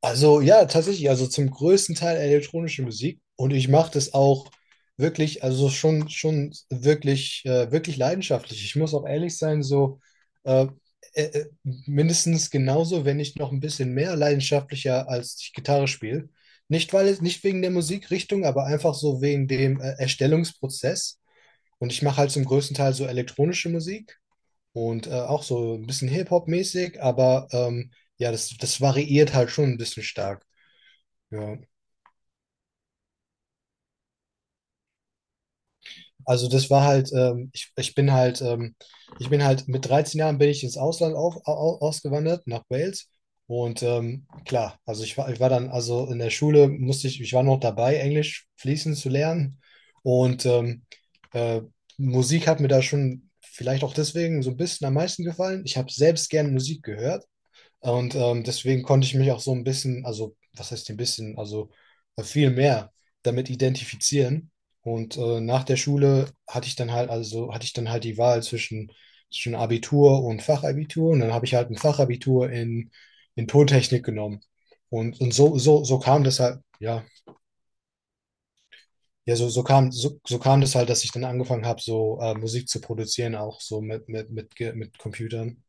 Also, ja, tatsächlich, also zum größten Teil elektronische Musik, und ich mache das auch wirklich, also schon wirklich, wirklich leidenschaftlich. Ich muss auch ehrlich sein, so äh, mindestens genauso, wenn nicht noch ein bisschen mehr leidenschaftlicher, als ich Gitarre spiele. Nicht weil es, nicht wegen der Musikrichtung, aber einfach so wegen dem Erstellungsprozess. Und ich mache halt zum größten Teil so elektronische Musik und auch so ein bisschen Hip-Hop-mäßig, aber ja, das variiert halt schon ein bisschen stark. Ja, also das war halt, ich bin halt mit 13 Jahren bin ich ins Ausland ausgewandert, nach Wales. Und klar, also ich war dann, also in der Schule musste ich war noch dabei, Englisch fließend zu lernen. Und äh, Musik hat mir da schon vielleicht auch deswegen so ein bisschen am meisten gefallen. Ich habe selbst gern Musik gehört. Und deswegen konnte ich mich auch so ein bisschen, also was heißt ein bisschen, also viel mehr damit identifizieren. Und nach der Schule hatte ich dann halt, also hatte ich dann halt die Wahl zwischen Abitur und Fachabitur. Und dann habe ich halt ein Fachabitur in Tontechnik genommen. Und so kam das halt, ja, ja, so kam das halt, dass ich dann angefangen habe, so Musik zu produzieren, auch so mit Computern.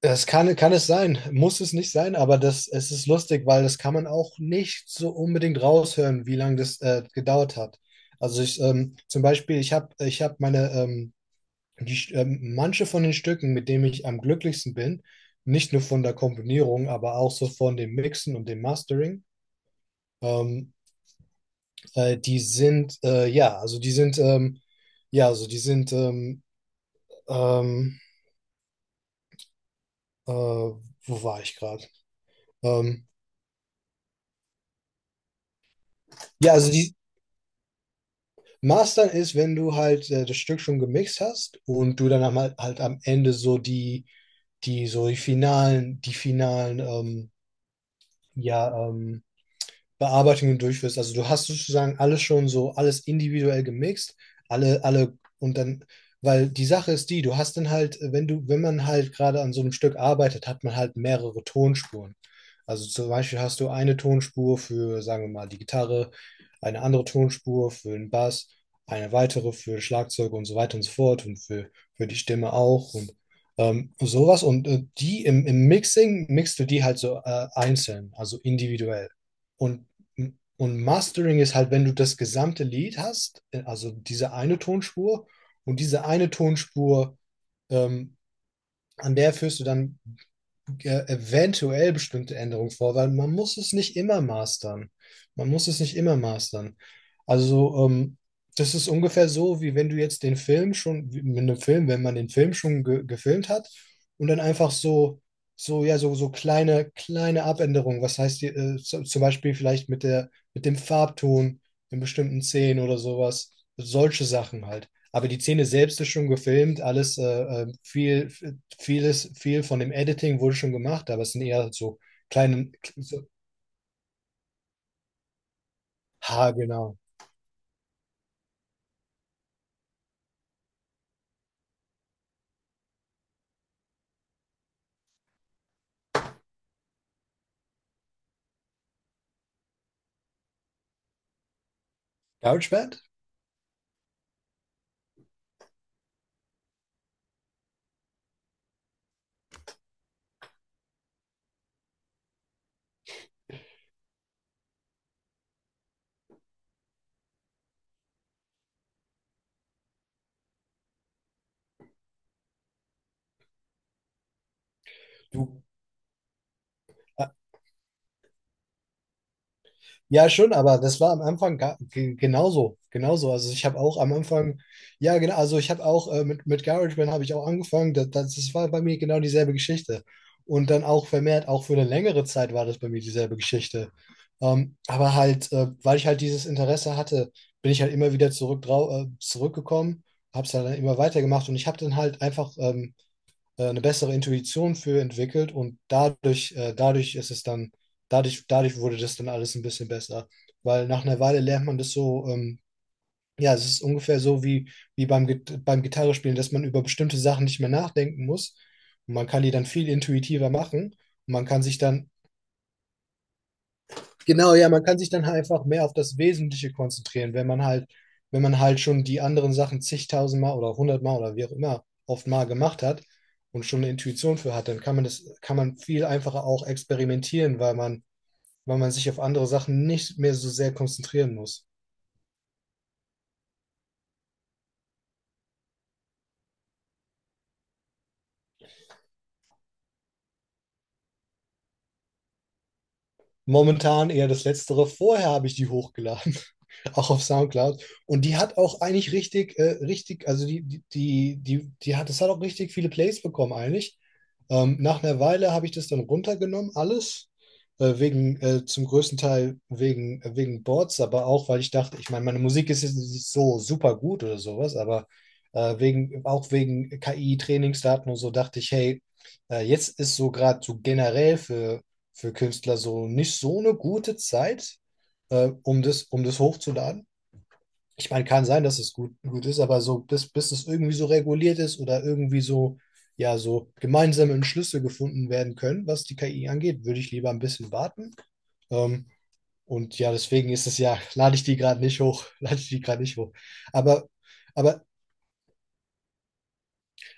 Das kann es sein, muss es nicht sein, aber es ist lustig, weil das kann man auch nicht so unbedingt raushören, wie lange das gedauert hat. Also zum Beispiel, ich hab meine, manche von den Stücken, mit denen ich am glücklichsten bin, nicht nur von der Komponierung, aber auch so von dem Mixen und dem Mastering. ähm, ja, ja, ähm, wo war ich gerade? Ähm, ja, Mastern ist, wenn du halt das Stück schon gemixt hast und du dann halt am Ende so die finalen, ja, Bearbeitungen durchführst. Also du hast sozusagen alles schon so, alles individuell gemixt, alle, und dann, weil die Sache ist die, du hast dann halt, wenn man halt gerade an so einem Stück arbeitet, hat man halt mehrere Tonspuren. Also zum Beispiel hast du eine Tonspur für, sagen wir mal, die Gitarre, eine andere Tonspur für den Bass, eine weitere für Schlagzeug und so weiter und so fort, und für die Stimme auch und sowas. Und die im Mixing mixt du die halt so einzeln, also individuell. Und und Mastering ist halt, wenn du das gesamte Lied hast, also diese eine Tonspur, und diese eine Tonspur, ähm, an der führst du dann ja eventuell bestimmte Änderungen vor, weil man muss es nicht immer mastern. Man muss es nicht immer mastern. Also, das ist ungefähr so, wie wenn du jetzt den Film schon, wie mit einem Film, wenn man den Film schon ge gefilmt hat und dann einfach so, ja, kleine Abänderungen, was heißt die, zum Beispiel vielleicht mit der, mit dem Farbton in bestimmten Szenen oder sowas, solche Sachen halt. Aber die Szene selbst ist schon gefilmt, alles äh, viel, viel von dem Editing wurde schon gemacht, aber es sind eher so kleine, so, ha, genau. GarageBand? Du, Ja, schon, aber das war am Anfang genauso, genauso. Also ich habe auch am Anfang, ja, genau, also ich habe auch mit GarageBand habe ich auch angefangen. Das war bei mir genau dieselbe Geschichte. Und dann auch vermehrt, auch für eine längere Zeit war das bei mir dieselbe Geschichte. Aber halt, weil ich halt dieses Interesse hatte, bin ich halt immer wieder zurückgekommen, habe es dann immer weitergemacht, und ich habe dann halt einfach eine bessere Intuition für entwickelt, und dadurch, dadurch wurde das dann alles ein bisschen besser. Weil nach einer Weile lernt man das so, ja, es ist ungefähr so wie, beim Gitarrespielen, dass man über bestimmte Sachen nicht mehr nachdenken muss. Und man kann die dann viel intuitiver machen. Und man kann sich dann, genau, ja, man kann sich dann halt einfach mehr auf das Wesentliche konzentrieren, wenn man halt schon die anderen Sachen zigtausendmal oder hundertmal oder wie auch immer oft mal gemacht hat und schon eine Intuition für hat, dann kann man viel einfacher auch experimentieren, weil man sich auf andere Sachen nicht mehr so sehr konzentrieren muss. Momentan eher das Letztere. Vorher habe ich die hochgeladen. Auch auf SoundCloud. Und die hat auch eigentlich richtig, richtig, also das hat auch richtig viele Plays bekommen eigentlich. Nach einer Weile habe ich das dann runtergenommen, alles. Zum größten Teil wegen Boards, aber auch, weil ich dachte, ich meine, meine Musik ist jetzt nicht so super gut oder sowas, aber auch wegen KI-Trainingsdaten und so, dachte ich, hey, jetzt ist so gerade so generell für Künstler so nicht so eine gute Zeit, um das hochzuladen. Ich meine, kann sein, dass es gut, gut ist, aber so, bis es irgendwie so reguliert ist oder irgendwie so, ja, so gemeinsame Entschlüsse gefunden werden können, was die KI angeht, würde ich lieber ein bisschen warten. Ähm, und ja, deswegen ist es ja, lade ich die gerade nicht hoch, lade ich die gerade nicht hoch. Aber, aber,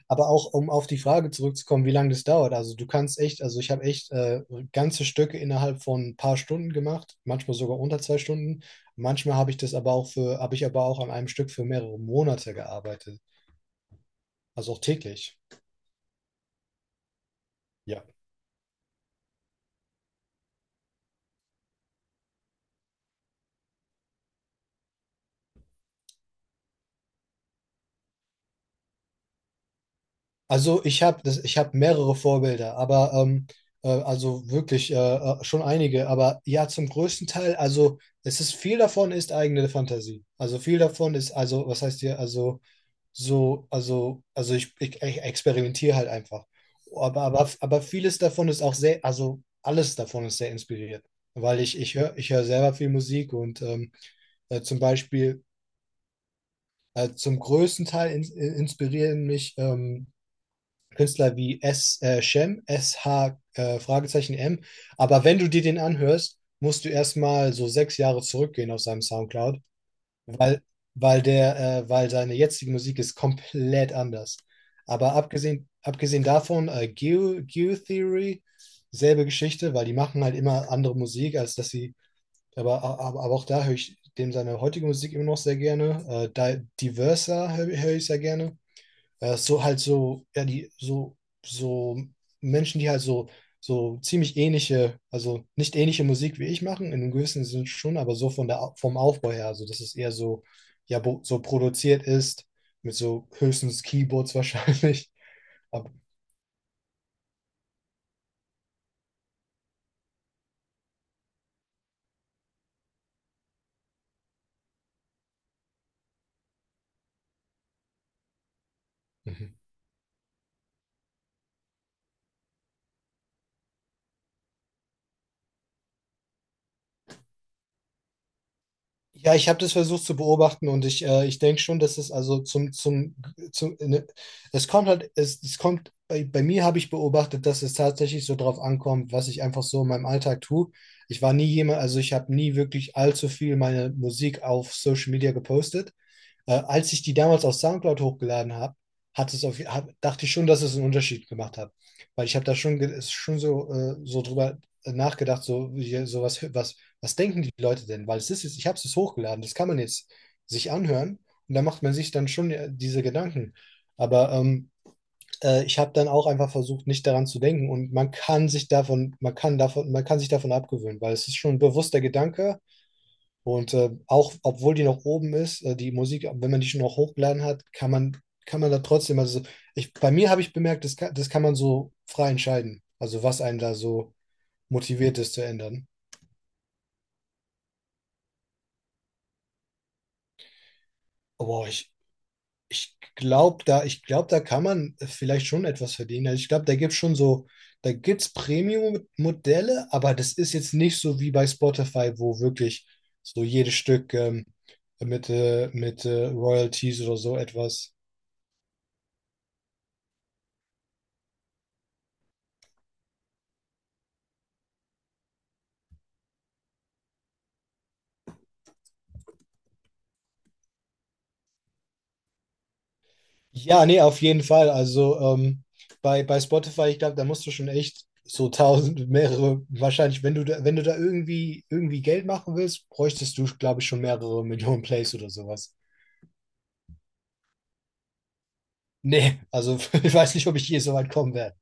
aber auch, um auf die Frage zurückzukommen, wie lange das dauert. Also du kannst echt, also ich habe echt ganze Stücke innerhalb von ein paar Stunden gemacht, manchmal sogar unter 2 Stunden. Manchmal habe ich das aber auch habe ich aber auch an einem Stück für mehrere Monate gearbeitet. Also auch täglich. Ja. Also ich habe das, ich habe mehrere Vorbilder, aber also wirklich schon einige. Aber ja, zum größten Teil, also es ist, viel davon ist eigene Fantasie. Also viel davon ist, also, was heißt hier, also so, ich experimentiere halt einfach. Aber vieles davon ist auch sehr, also alles davon ist sehr inspiriert. Weil ich höre selber viel Musik, und zum Beispiel, zum größten Teil inspirieren mich Künstler wie Shem, SH, Fragezeichen M. Aber wenn du dir den anhörst, musst du erstmal so 6 Jahre zurückgehen auf seinem Soundcloud, weil, weil seine jetzige Musik ist komplett anders. Aber abgesehen davon, Geo, Theory, selbe Geschichte, weil die machen halt immer andere Musik, als dass sie, aber, aber auch da höre ich dem seine heutige Musik immer noch sehr gerne. Diversa hör ich sehr gerne. Äh, so halt so, ja, die, so, so Menschen, die halt so, so ziemlich ähnliche, also nicht ähnliche Musik wie ich machen, in einem gewissen Sinn schon, aber so vom Aufbau her, also dass es eher so, ja, so produziert ist, mit so höchstens Keyboards wahrscheinlich. Aber, ja, ich habe das versucht zu beobachten, und ich denke schon, dass es also zum, zum, zum ne, es kommt halt, es kommt, bei mir habe ich beobachtet, dass es tatsächlich so drauf ankommt, was ich einfach so in meinem Alltag tue. Ich war nie jemand, also ich habe nie wirklich allzu viel meine Musik auf Social Media gepostet. Als ich die damals auf SoundCloud hochgeladen habe, hat es auf, hab, dachte ich schon, dass es einen Unterschied gemacht hat. Weil ich habe da schon, schon so, so drüber nachgedacht, so, was denken die Leute denn? Weil ich habe es jetzt hochgeladen, das kann man jetzt sich anhören, und da macht man sich dann schon diese Gedanken. Aber ich habe dann auch einfach versucht, nicht daran zu denken, und man kann sich davon abgewöhnen, weil es ist schon ein bewusster Gedanke. Und auch, obwohl die noch oben ist, die Musik, wenn man die schon noch hochgeladen hat, kann man da trotzdem, also bei mir habe ich bemerkt, das kann man so frei entscheiden. Also, was einen da so motiviert ist, zu ändern. Aber ich glaube, da kann man vielleicht schon etwas verdienen. Also ich glaube, da gibt es Premium-Modelle, aber das ist jetzt nicht so wie bei Spotify, wo wirklich so jedes Stück mit Royalties oder so etwas. Ja, nee, auf jeden Fall. Also bei Spotify, ich glaube, da musst du schon echt so tausend, mehrere, wahrscheinlich, wenn du da irgendwie, irgendwie Geld machen willst, bräuchtest du, glaube ich, schon mehrere Millionen Plays oder sowas. Nee, also ich weiß nicht, ob ich je so weit kommen werde.